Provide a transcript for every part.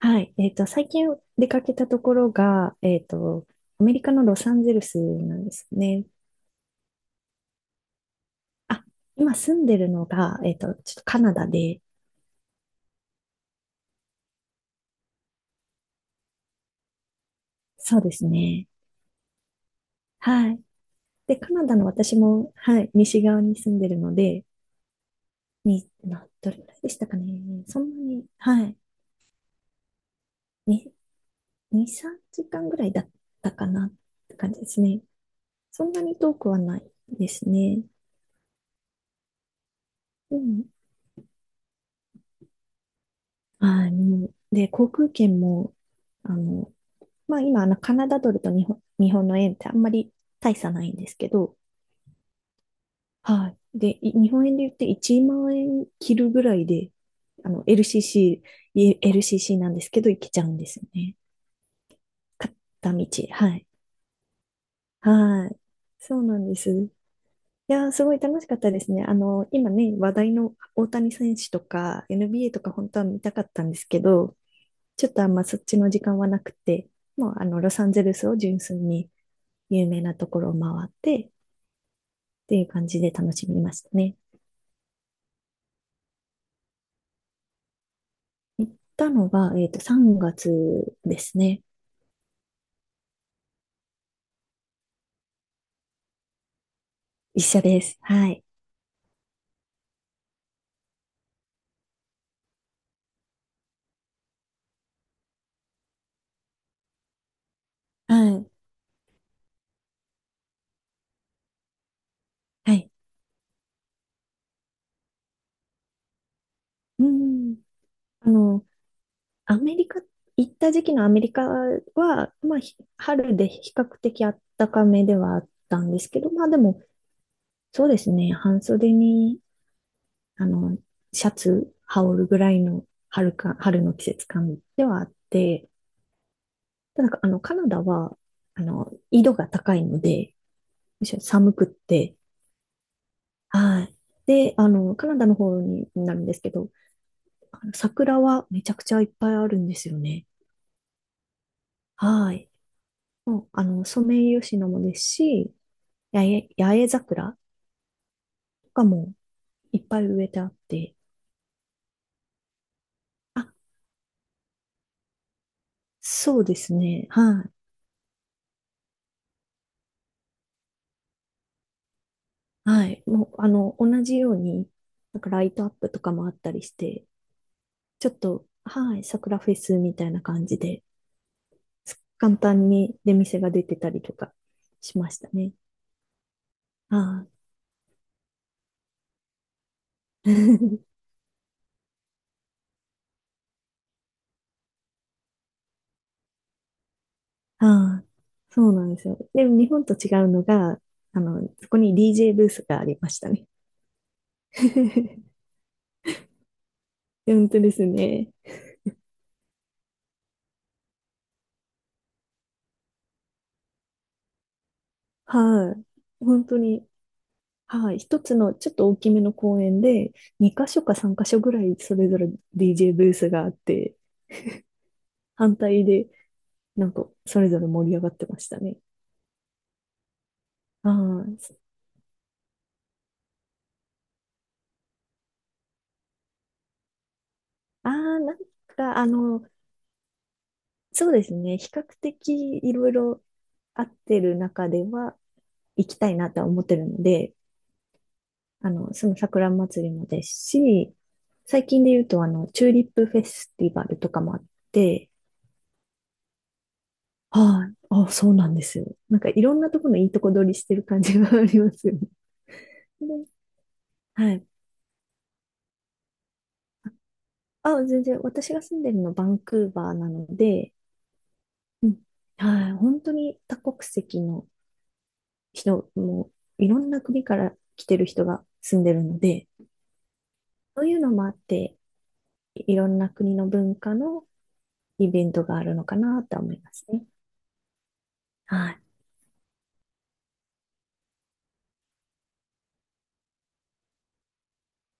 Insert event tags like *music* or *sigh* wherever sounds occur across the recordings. はい。最近出かけたところが、アメリカのロサンゼルスなんですね。あ、今住んでるのが、ちょっとカナダで、そうですね。はい。で、カナダの私も、はい、西側に住んでるので、どれぐらいでしたかね。そんなに、はい。に、2、3時間ぐらいだったかなって感じですね。そんなに遠くはないですね。うん。はい。で、航空券も、あの、まあ今、カナダドルと日本の円ってあんまり大差ないんですけど、はい。で、日本円で言って1万円切るぐらいで、LCC、LCC なんですけど、行けちゃうんですよね。片道。はい。はい。そうなんです。いやー、すごい楽しかったですね。今ね、話題の大谷選手とか NBA とか本当は見たかったんですけど、ちょっとあんまそっちの時間はなくて、もうあの、ロサンゼルスを純粋に有名なところを回って、っていう感じで楽しみましたね。行ったのが、3月ですね。一緒です。はい。はい。はい。うん。あの、アメリカ、行った時期のアメリカは、まあ、春で比較的暖かめではあったんですけど、まあでも、そうですね、半袖に、あの、シャツ羽織るぐらいの春の季節感ではあって、ただ、カナダは、緯度が高いので、むしろ寒くって、はい。で、カナダの方になるんですけど、あの桜はめちゃくちゃいっぱいあるんですよね。はい。もう、あの、ソメイヨシノもですし、八重桜とかもいっぱい植えてあって、あ、そうですね。はい。はい。もう、あの、同じように、なんかライトアップとかもあったりして、ちょっと、はい、桜フェスみたいな感じで、簡単に出店が出てたりとかしましたね。はい。*laughs* ああ、そうなんですよ。でも日本と違うのが、そこに DJ ブースがありましたね。*laughs* 本当ですね。はい。本当に、はい。一つのちょっと大きめの公園で、2箇所か3箇所ぐらいそれぞれ DJ ブースがあって、反対で、なんか、それぞれ盛り上がってましたね。ああ、ああ、なんか、あの、そうですね。比較的いろいろ合ってる中では行きたいなとは思ってるので、その桜祭りもですし、最近で言うと、チューリップフェスティバルとかもあって、はい、あ、そうなんですよ。なんかいろんなところのいいとこ取りしてる感じがありますよね。*laughs* ではい。あ、全然、私が住んでるのバンクーバーなので、うん、はい、本当に多国籍の人も、いろんな国から来てる人が住んでるので、そういうのもあって、いろんな国の文化のイベントがあるのかなとは思いますね。はい。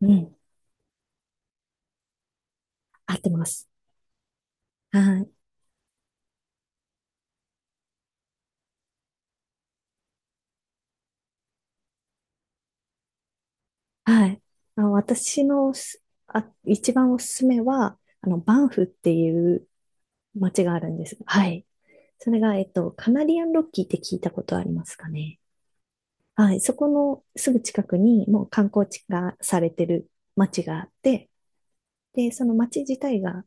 うん。合ってます。はい。はい。あの、私のすあ、一番おすすめは、バンフっていう街があるんです。はい。それが、カナリアンロッキーって聞いたことありますかね。はい。そこのすぐ近くに、もう観光地化されてる街があって、で、その街自体が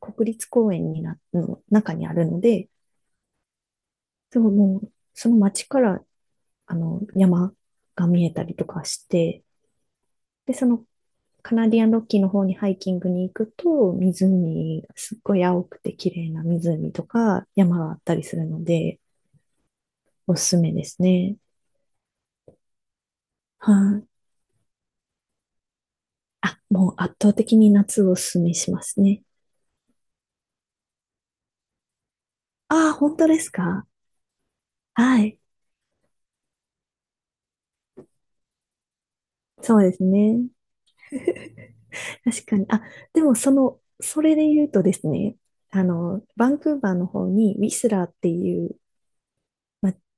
国立公園にな、の中にあるので、でももう、その街から、山が見えたりとかして、で、そのカナディアンロッキーの方にハイキングに行くと、湖、すっごい青くて綺麗な湖とか山があったりするので、おすすめですね。はい。あ、もう圧倒的に夏をおすすめしますね。ああ、本当ですか？はい。そうですね。確かに。あ、でもその、それで言うとですね、バンクーバーの方にウィスラーっていう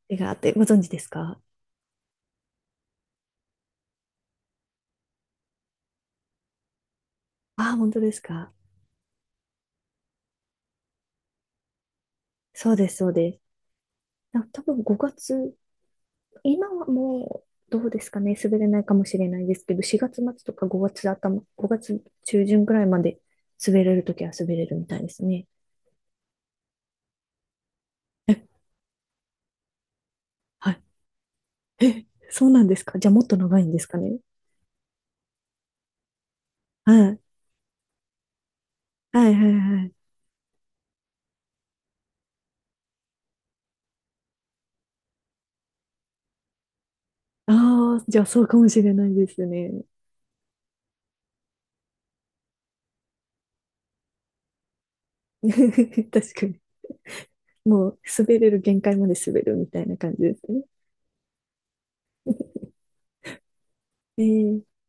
街があって、ご存知ですか？ああー、本当ですか？そうです。多分5月今はもう、どうですかね、滑れないかもしれないですけど、4月末とか5月頭、5月中旬ぐらいまで滑れるときは滑れるみたいですね。え、はい。え、そうなんですか？じゃあもっと長いんですかね。はい。はいはいはい。ああ、じゃあそうかもしれないですね。*laughs* 確かに。もう滑れる限界まで滑るみたいな感じですね。え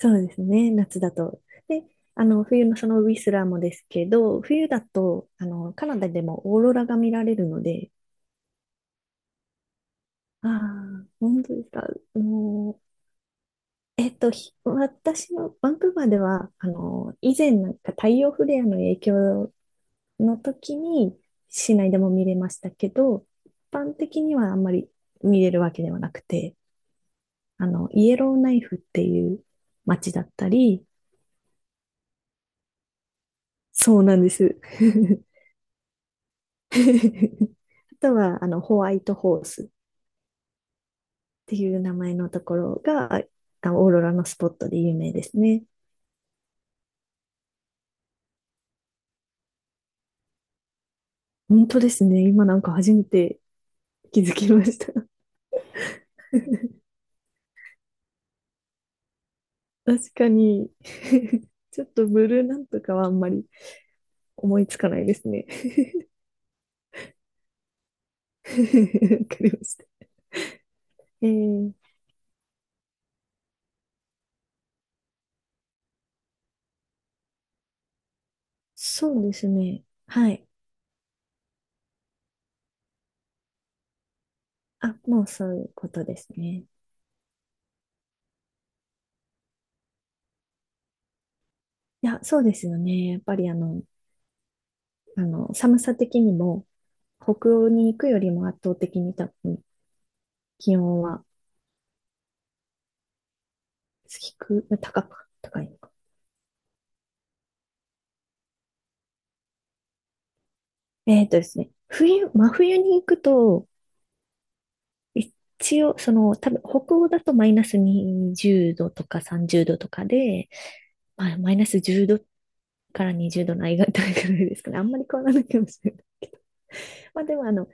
そうですね、夏だと。で、冬のそのウィスラーもですけど、冬だと、カナダでもオーロラが見られるので、ああ、本当ですか。もう、えっと、ひ私のバンクーバーでは、以前なんか太陽フレアの影響の時に市内でも見れましたけど、一般的にはあんまり見れるわけではなくて、イエローナイフっていう街だったり、そうなんです。*laughs* *laughs* あとは、ホワイトホースっていう名前のところが、あのオーロラのスポットで有名ですね。本当ですね。今なんか初めて気づきました。*laughs* 確かに、 *laughs* ちょっとブルーなんとかはあんまり思いつかないですね。*laughs* わかりました。えー、そうですね。はい。あ、もうそういうことですね。いや、そうですよね。やっぱり寒さ的にも、北欧に行くよりも圧倒的に多分気温は、高く、高いのか。えっとですね、真冬に行くと、一応、その、多分、北欧だとマイナス20度とか30度とかで、まあ、マイナス10度から20度の間いぐらいですかね。あんまり変わらないかもしれない。*laughs* まあ、でも、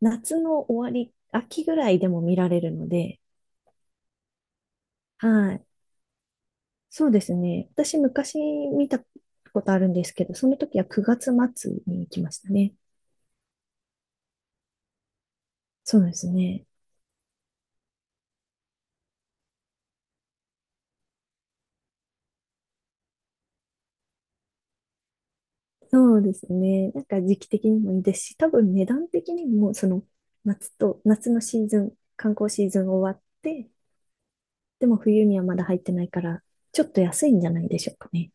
夏の終わり、秋ぐらいでも見られるので、はい。そうですね。私、昔見たことあるんですけど、その時は9月末に行きましたね。そうですね。そうですね。なんか時期的にもいいですし、多分値段的にも、その夏のシーズン、観光シーズン終わって、でも冬にはまだ入ってないから、ちょっと安いんじゃないでしょうかね。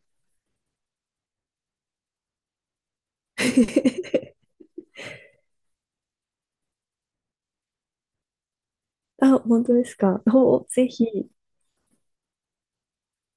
*laughs* あ、本当ですか。お、ぜひ。